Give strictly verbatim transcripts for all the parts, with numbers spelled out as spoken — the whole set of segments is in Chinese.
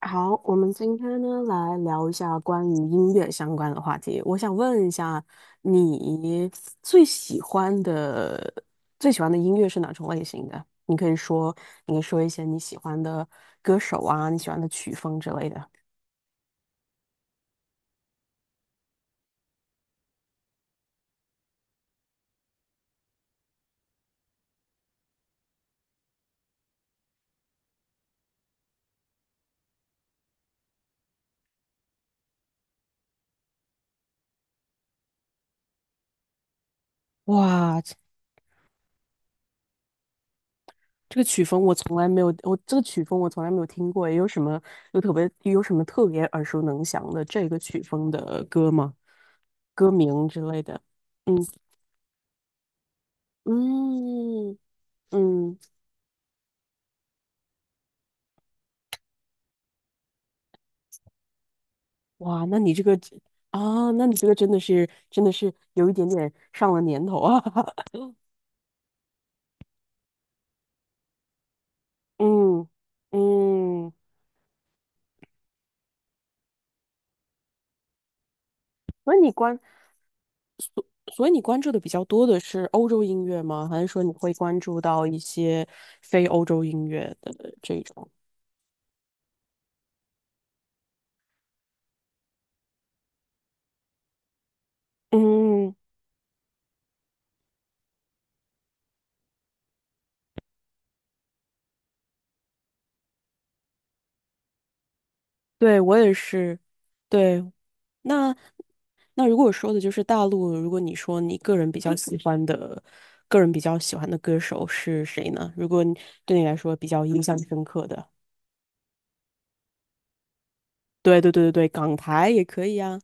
好，我们今天呢来聊一下关于音乐相关的话题。我想问一下，你最喜欢的最喜欢的音乐是哪种类型的？你可以说，你可以说一些你喜欢的歌手啊，你喜欢的曲风之类的。哇，这这个曲风我从来没有，我这个曲风我从来没有听过，有什么有特别有什么特别耳熟能详的这个曲风的歌吗？歌名之类的？嗯嗯嗯。哇，那你这个真啊，那你这个真的是真的是有一点点上了年头啊。嗯嗯，所以你关，所以你关注的比较多的是欧洲音乐吗？还是说你会关注到一些非欧洲音乐的这种？嗯，对，我也是。对，那那如果说的就是大陆，如果你说你个人比较喜欢的，个人比较喜欢的歌手是谁呢？如果你对你来说比较印象深刻的。对对对对对，港台也可以啊。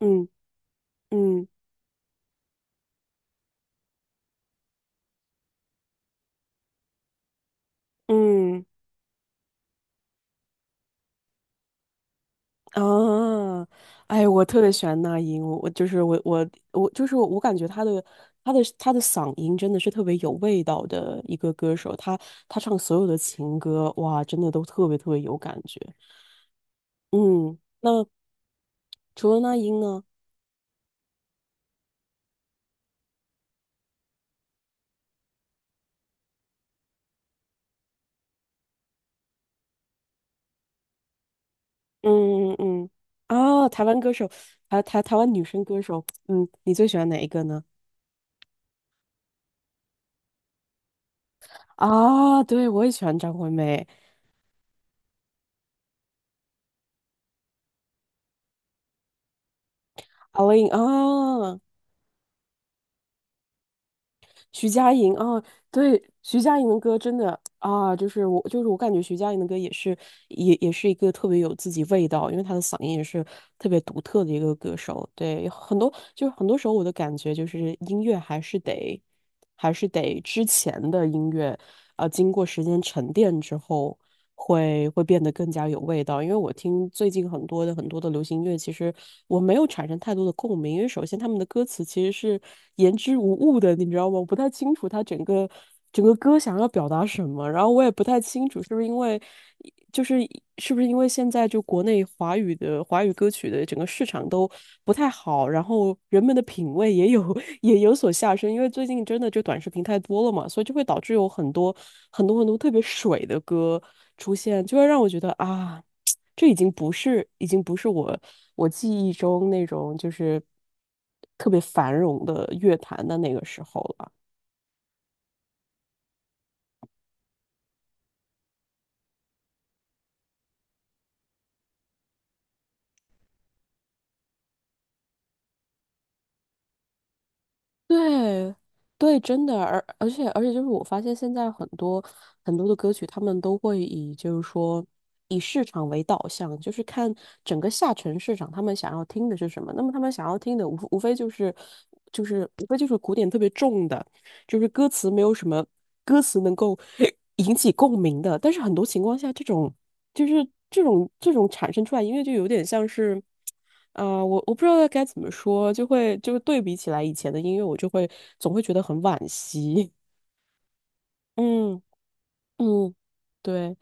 嗯嗯嗯啊，哎，我特别喜欢那英，我我就是我我我就是我感觉她的她的她的嗓音真的是特别有味道的一个歌手，她她唱所有的情歌，哇，真的都特别特别有感觉。嗯，那除了那英呢？嗯嗯嗯啊，台湾歌手，台台台湾女生歌手，嗯，你最喜欢哪一个呢？啊，对，我也喜欢张惠妹，阿令啊。徐佳莹啊，对，徐佳莹的歌真的啊，就是我，就是我感觉徐佳莹的歌也是，也也是一个特别有自己味道，因为她的嗓音也是特别独特的一个歌手。对，很多就是很多时候我的感觉就是音乐还是得，还是得之前的音乐，啊，经过时间沉淀之后。会会变得更加有味道。因为我听最近很多的很多的流行音乐，其实我没有产生太多的共鸣，因为首先他们的歌词其实是言之无物的，你知道吗？我不太清楚他整个整个歌想要表达什么，然后我也不太清楚是不是因为。就是是不是因为现在就国内华语的华语歌曲的整个市场都不太好，然后人们的品味也有 也有所下升，因为最近真的就短视频太多了嘛，所以就会导致有很多很多很多特别水的歌出现，就会让我觉得啊，这已经不是已经不是我我记忆中那种就是特别繁荣的乐坛的那个时候了。对，对，真的，而而且而且就是我发现现在很多很多的歌曲，他们都会以就是说以市场为导向，就是看整个下沉市场他们想要听的是什么。那么他们想要听的无无非就是就是无非就是古典特别重的，就是歌词没有什么歌词能够 引起共鸣的，但是很多情况下，这种就是这种这种产生出来音乐就有点像是，啊、我我不知道该怎么说，就会就是对比起来以前的音乐，我就会总会觉得很惋惜。嗯嗯，对，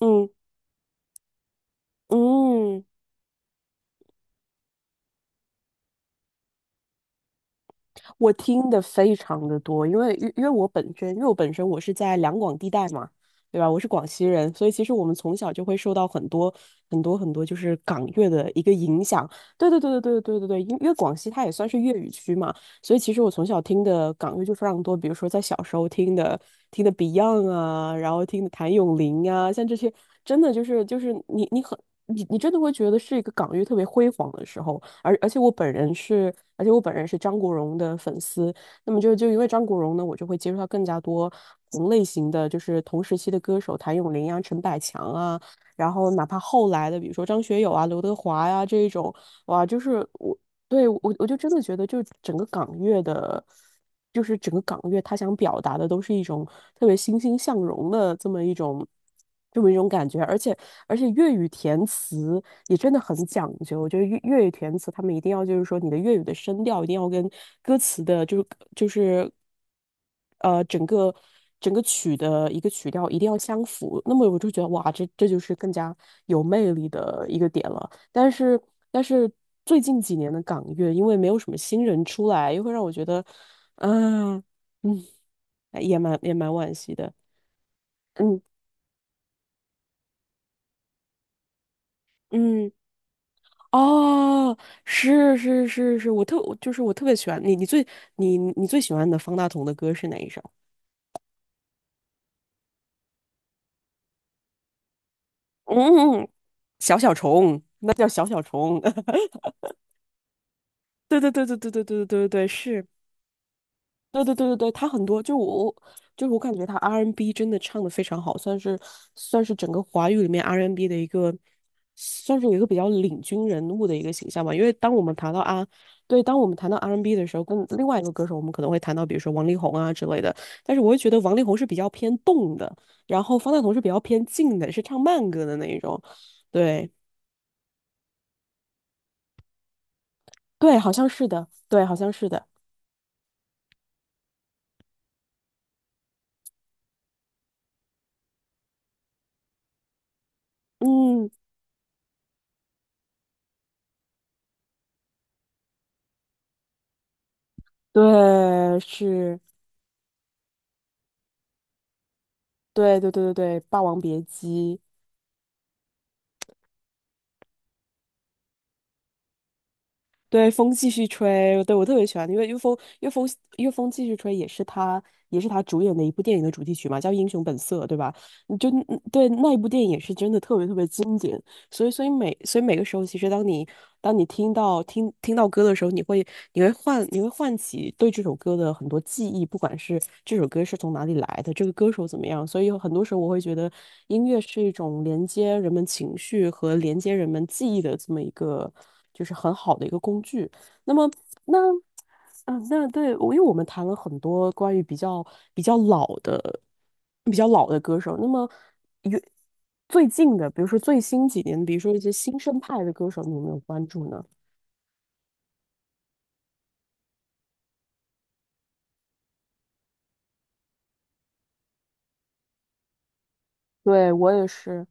嗯嗯。我听的非常的多，因为因因为我本身，因为我本身我是在两广地带嘛，对吧？我是广西人，所以其实我们从小就会受到很多很多很多就是港乐的一个影响。对对对对对对对对，因因为广西它也算是粤语区嘛，所以其实我从小听的港乐就非常多，比如说在小时候听的听的 Beyond 啊，然后听的谭咏麟啊，像这些真的就是就是你你很你你真的会觉得是一个港乐特别辉煌的时候，而而且我本人是，而且我本人是张国荣的粉丝，那么就就因为张国荣呢，我就会接触到更加多同类型的，就是同时期的歌手，谭咏麟啊、陈百强啊，然后哪怕后来的，比如说张学友啊、刘德华呀、这一种，哇，就是我对我我就真的觉得，就整个港乐的，就是整个港乐，他想表达的都是一种特别欣欣向荣的这么一种。这么一种感觉，而且而且粤语填词也真的很讲究，就是粤粤语填词，他们一定要就是说你的粤语的声调一定要跟歌词的，就是就是呃整个整个曲的一个曲调一定要相符。那么我就觉得哇，这这就是更加有魅力的一个点了。但是但是最近几年的港乐，因为没有什么新人出来，又会让我觉得，嗯、嗯，哎也蛮也蛮惋惜的。嗯嗯。哦，是是是是，我特我就是我特别喜欢你，你最你你最喜欢的方大同的歌是哪一首？嗯，小小虫，那叫小小虫。对对对对对对对对对对，是。对对对对对，他很多就我就是我感觉他 R and B n 真的唱的非常好，算是算是整个华语里面 R and B n 的一个算是有一个比较领军人物的一个形象吧。因为当我们谈到啊，对，当我们谈到 R and B n 的时候，跟另外一个歌手，我们可能会谈到比如说王力宏啊之类的，但是我会觉得王力宏是比较偏动的，然后方大同是比较偏静的，是唱慢歌的那一种。对对，好像是的，对，好像是的。嗯，对，是，对对对对对，《霸王别姬》，对，风继续吹，对，我特别喜欢，因为因为风，因为风，因为风继续吹也是他，也是他主演的一部电影的主题曲嘛，叫《英雄本色》，对吧？你就嗯，对那一部电影也是真的特别特别经典，所以，所以每所以每个时候，其实当你当你听到听听到歌的时候，你会你会唤你会唤起对这首歌的很多记忆，不管是这首歌是从哪里来的，这个歌手怎么样。所以有很多时候，我会觉得音乐是一种连接人们情绪和连接人们记忆的这么一个，就是很好的一个工具。那么那嗯，呃那对，我因为我们谈了很多关于比较比较老的、比较老的歌手。那么，有最近的，比如说最新几年，比如说一些新生派的歌手，你有没有关注呢？对，我也是。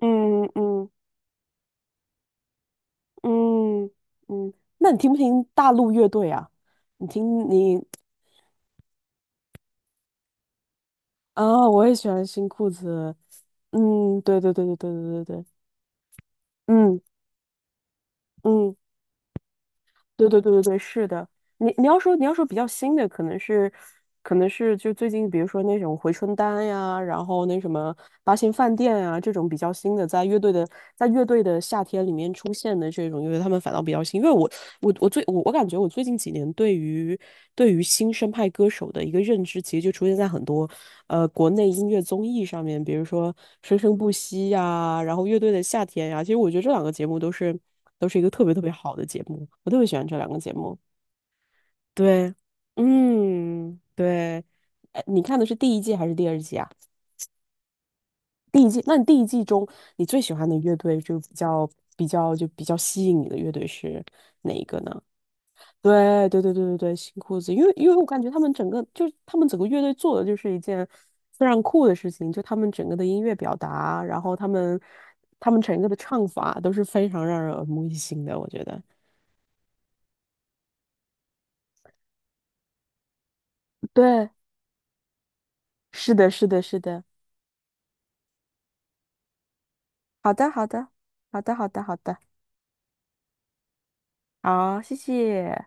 嗯嗯嗯嗯，那你听不听大陆乐队啊？你听你啊，我也喜欢新裤子。嗯，对对对对对对对对，嗯嗯。对对对对对，是的。你你要说你要说比较新的，可能是可能是就最近，比如说那种回春丹呀，然后那什么八仙饭店啊这种比较新的，在乐队的在乐队的夏天里面出现的这种乐队，他们反倒比较新。因为我我我最我我感觉我最近几年对于对于新生派歌手的一个认知，其实就出现在很多呃国内音乐综艺上面，比如说《生生不息》呀，然后《乐队的夏天》呀。其实我觉得这两个节目都是都是一个特别特别好的节目，我特别喜欢这两个节目。对，嗯，对，呃，你看的是第一季还是第二季啊？第一季，那你第一季中你最喜欢的乐队就比较比较就比较吸引你的乐队是哪一个呢？对对对对对对，新裤子，因为因为我感觉他们整个就是他们整个乐队做的就是一件非常酷的事情，就他们整个的音乐表达，然后他们他们整个的唱法都是非常让人耳目一新的，我觉得。对，是的，是的，是的。好的，好的，好的，好的，好的。好，谢谢。